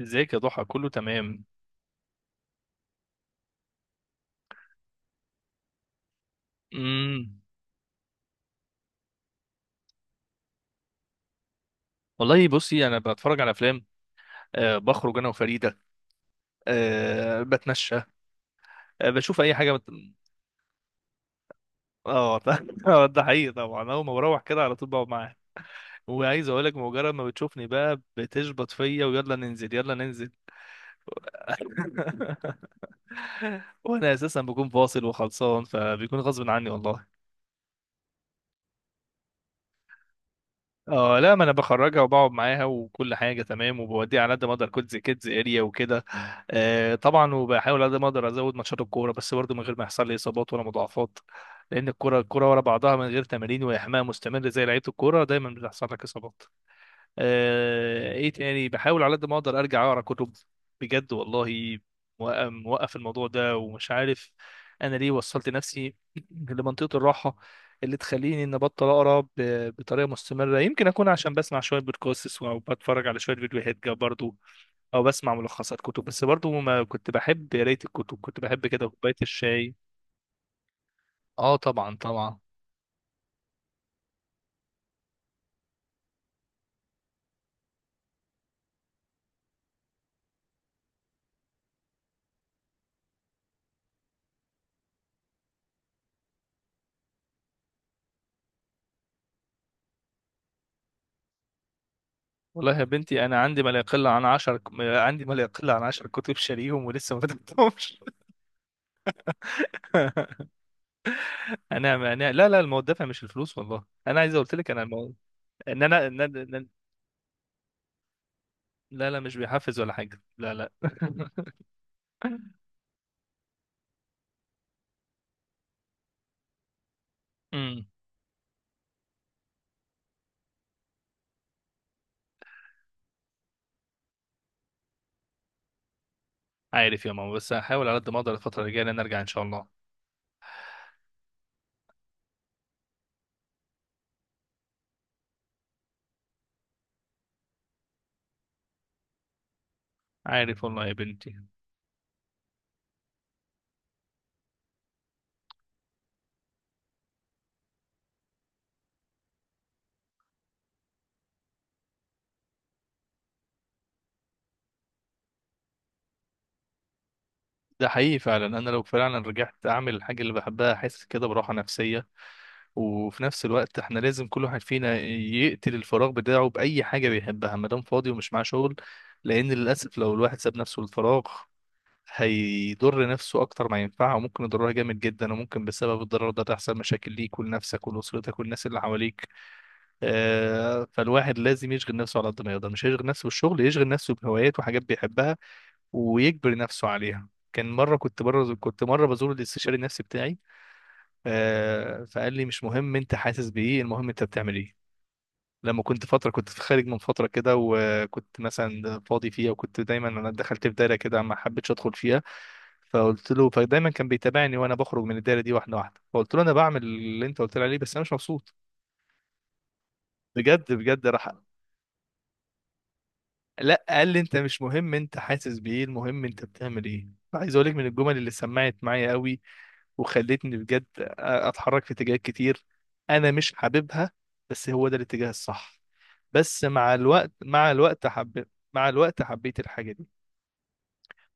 ازيك يا ضحى؟ كله تمام. امم والله بصي، انا بتفرج على افلام. أه، بخرج انا وفريده. أه، بتمشى. أه، بشوف اي حاجه. اه. آه، ده حقيقي طبعا، اول ما بروح كده على طول بقعد معاها. وعايز اقول لك، مجرد ما بتشوفني بقى بتشبط فيا، ويلا ننزل يلا ننزل. وانا اساسا بكون فاصل وخلصان، فبيكون غصب عني والله. اه لا، ما انا بخرجها وبقعد معاها وكل حاجه تمام، وبوديها على قد ما اقدر كودز كيدز اريا وكده. آه طبعا، وبحاول على قد ما اقدر ازود ماتشات الكوره، بس برضه من غير ما يحصل لي اصابات ولا مضاعفات. لان الكوره الكوره ورا بعضها من غير تمارين واحماء مستمر، زي لعيبه الكوره دايما بتحصل لك اصابات. آه، ايه تاني، بحاول على قد ما اقدر ارجع اقرا كتب بجد والله. موقف الموضوع ده ومش عارف انا ليه وصلت نفسي لمنطقة الراحة اللي تخليني ان ابطل اقرا بطريقة مستمرة. يمكن اكون عشان بسمع شوية بودكاستس او بتفرج على شوية فيديوهات جا برضو، او بسمع ملخصات كتب. بس برضو ما كنت بحب قراية الكتب، كنت بحب كده كوباية الشاي. اه طبعا طبعا. والله يا بنتي، انا عندي ما لا يقل عن عشر، عندي ما لا يقل عن عشر كتب شاريهم ولسه ما فتحتهمش. انا لا لا، الموضوع دافع مش الفلوس والله. انا عايز اقول لك انا الموضوع ان انا، لا لا، مش بيحفز ولا حاجه، لا لا. امم عارف يا ماما، بس هحاول على قد ما اقدر الفتره الجايه ان انا ارجع ان شاء الله. عارف والله يا بنتي، ده حقيقي فعلا. انا لو فعلا رجعت اعمل الحاجه اللي بحبها احس كده براحه نفسيه. وفي نفس الوقت احنا لازم كل واحد فينا يقتل الفراغ بتاعه باي حاجه بيحبها، ما دام فاضي ومش معاه شغل. لان للاسف لو الواحد ساب نفسه للفراغ هيضر نفسه اكتر ما ينفعه، وممكن يضرها جامد جدا، وممكن بسبب الضرر ده تحصل مشاكل ليك ولنفسك ولاسرتك والناس اللي حواليك. آه، فالواحد لازم يشغل نفسه على قد ما يقدر. مش هيشغل نفسه بالشغل، يشغل نفسه بهوايات وحاجات بيحبها ويجبر نفسه عليها. كان مره كنت بره، كنت مره بزور الاستشاري النفسي بتاعي. آه، فقال لي مش مهم انت حاسس بايه، المهم انت بتعمل ايه. لما كنت فتره، كنت في خارج من فتره كده وكنت مثلا فاضي فيها، وكنت دايما انا دخلت في دايره كده ما حبيتش ادخل فيها. فقلت له، فدايما كان بيتابعني وانا بخرج من الدايره دي واحده واحده. فقلت له انا بعمل اللي انت قلت لي عليه، بس انا مش مبسوط بجد بجد. راح لا قال لي، انت مش مهم انت حاسس بايه، المهم انت بتعمل ايه. عايز اقول لك من الجمل اللي سمعت معايا قوي، وخلتني بجد اتحرك في اتجاهات كتير انا مش حاببها، بس هو ده الاتجاه الصح. بس مع الوقت، مع الوقت، حبيت الحاجه دي.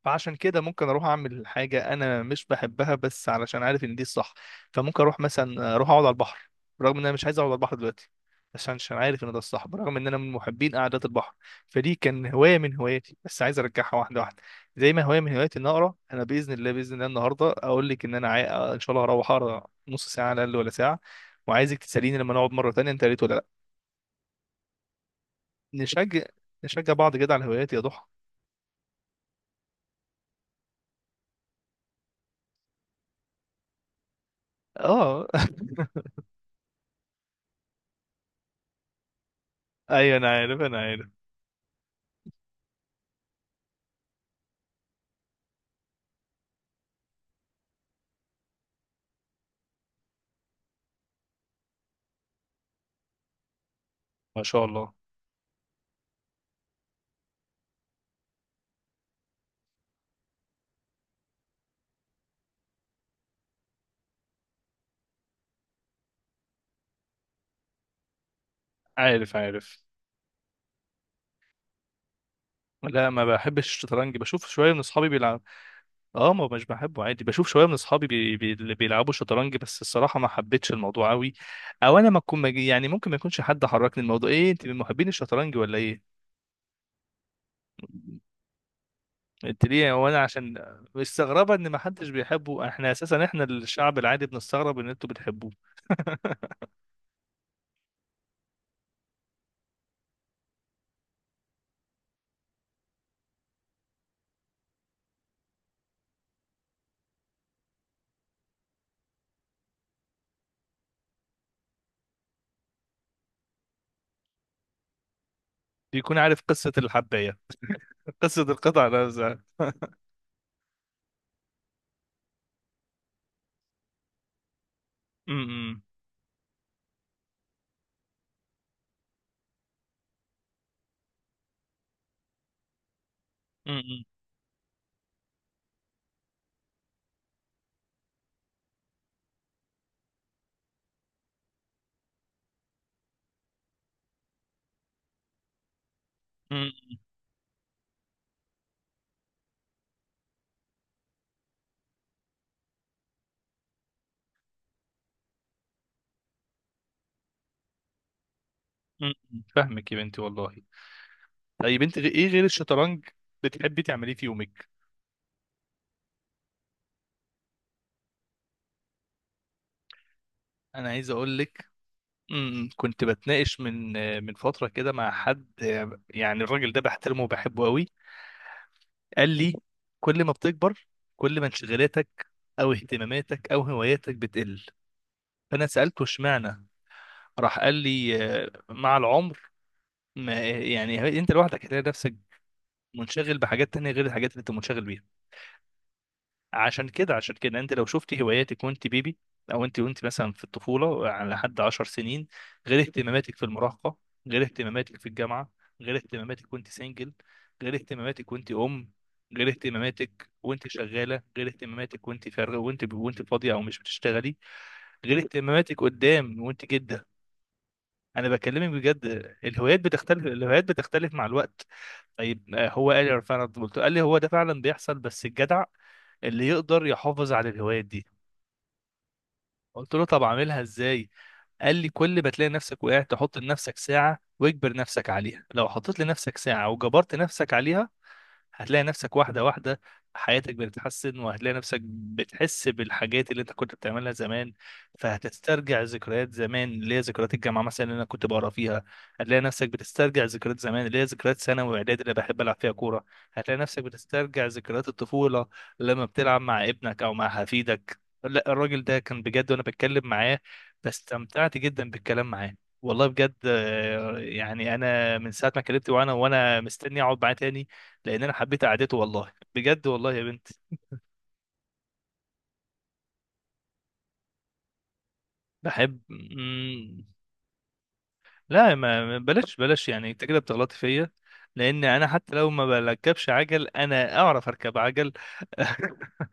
فعشان كده ممكن اروح اعمل حاجه انا مش بحبها، بس علشان عارف ان دي الصح. فممكن اروح، مثلا اروح اقعد على البحر رغم ان انا مش عايز اقعد على البحر دلوقتي، عشان عارف ان ده الصح، برغم ان انا من محبين قعدات البحر. فدي كان هوايه من هواياتي، بس عايز ارجعها واحده واحده. زي ما هوايه من هواياتي ان اقرا انا باذن الله. باذن الله النهارده اقول لك ان انا آه، ان شاء الله هروح اقرا نص ساعه على الاقل ولا ساعه. وعايزك تساليني لما نقعد مره تانية انت قريت ولا لا. نشجع نشجع بعض كده على الهوايات يا ضحى. اه. ايوه انا عارف، انا عارف. ما شاء الله. عارف عارف. لا ما بحبش الشطرنج، بشوف شويه من اصحابي بيلعب. اه، ما مش بحبه عادي، بشوف شويه من اصحابي اللي بيلعبوا شطرنج، بس الصراحه ما حبيتش الموضوع قوي. او انا ما اكون يعني ممكن ما يكونش حد حركني الموضوع. ايه انت من محبين الشطرنج ولا ايه؟ انت ليه؟ هو انا عشان مستغربه ان ما حدش بيحبه؟ احنا اساسا، احنا الشعب العادي بنستغرب ان انتوا بتحبوه. بيكون عارف قصه الحبايه. قصه القطع نفسها. م- م- م- م- م- م- فاهمك يا بنتي والله. طيب انت ايه غير الشطرنج بتحبي تعمليه في يومك؟ انا عايز اقول لك، كنت بتناقش من فتره كده مع حد. يعني الراجل ده بحترمه وبحبه قوي. قال لي، كل ما بتكبر، كل ما انشغالاتك او اهتماماتك او هواياتك بتقل. فانا سالته اشمعنى؟ راح قال لي، اه، مع العمر، ما يعني انت لوحدك هتلاقي نفسك منشغل بحاجات تانية غير الحاجات اللي انت منشغل بيها. عشان كده انت لو شفتي هواياتك وانت بيبي، او انت وانت مثلا في الطفوله على لحد 10 سنين، غير اهتماماتك في المراهقه، غير اهتماماتك في الجامعه، غير اهتماماتك وانت سنجل، غير اهتماماتك وانت ام، غير اهتماماتك وانت شغاله، غير اهتماماتك وانت فارغه، وانت فاضيه او مش بتشتغلي، غير اهتماماتك قدام وانت جده. انا بكلمك بجد. الهوايات بتختلف، الهوايات بتختلف مع الوقت. طيب آه، هو قال لي فعلا، قال لي هو ده فعلا بيحصل، بس الجدع اللي يقدر يحافظ على الهوايات دي. قلت له طب اعملها ازاي؟ قال لي كل ما تلاقي نفسك وقعت تحط لنفسك ساعة واجبر نفسك عليها. لو حطيت لنفسك ساعة وجبرت نفسك عليها هتلاقي نفسك واحدة واحدة حياتك بتتحسن، وهتلاقي نفسك بتحس بالحاجات اللي انت كنت بتعملها زمان. فهتسترجع ذكريات زمان اللي هي ذكريات الجامعة مثلا اللي انا كنت بقرا فيها. هتلاقي نفسك بتسترجع ذكريات زمان اللي هي ذكريات ثانوي واعدادي اللي بحب العب فيها كورة. هتلاقي نفسك بتسترجع ذكريات الطفولة لما بتلعب مع ابنك او مع حفيدك. لا الراجل ده كان بجد، وانا بتكلم معاه فاستمتعت جدا بالكلام معاه والله بجد. آه، يعني انا من ساعة ما كلمت وانا مستني اقعد معاه تاني، لان انا حبيت قعدته والله بجد، والله يا بنت. بحب. مم. لا، بلاش بلاش، يعني انت كده بتغلطي فيا. لان انا حتى لو ما بركبش عجل انا اعرف اركب عجل.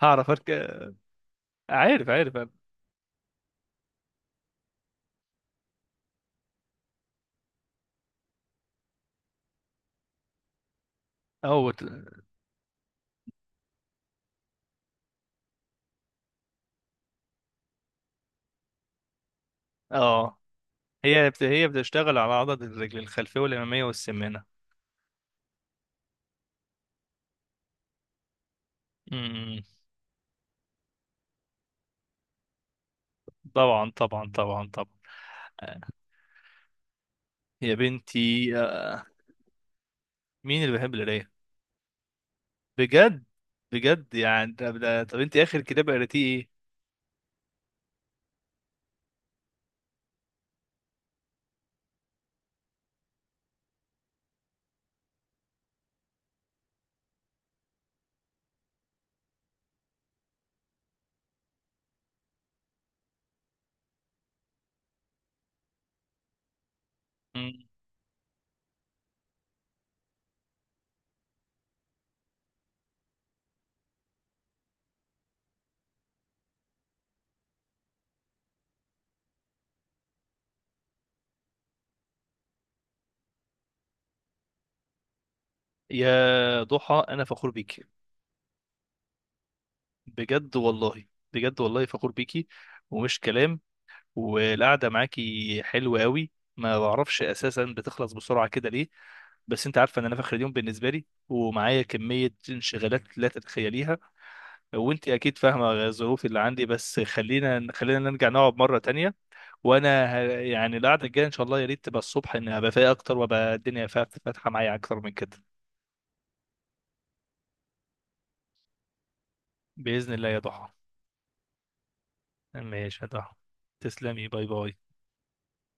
هعرف اركب. عارف عارف انا. أو... بت- اه. هي بتشتغل على عضلة الرجل الخلفية والأمامية والسمانة. مم. طبعا طبعا طبعا طبعا. آه. يا بنتي آه. مين اللي بيحب القراية؟ بجد؟ بجد يعني؟ طب انت اخر كتاب قريتيه ايه؟ يا ضحى انا فخور بيكي بجد والله. بجد والله فخور بيكي، ومش كلام. والقعده معاكي حلوه قوي. ما بعرفش اساسا بتخلص بسرعه كده ليه، بس انت عارفه ان انا في اخر اليوم بالنسبه لي ومعايا كميه انشغالات لا تتخيليها، وانت اكيد فاهمه الظروف اللي عندي. بس خلينا خلينا نرجع نقعد مره تانية. يعني القعده الجايه ان شاء الله يا ريت تبقى الصبح، ان ابقى فايق اكتر وابقى الدنيا فاتحه معايا اكتر من كده. باذن الله يا ضحى. ماشي يا ضحى. تسلمي. باي باي.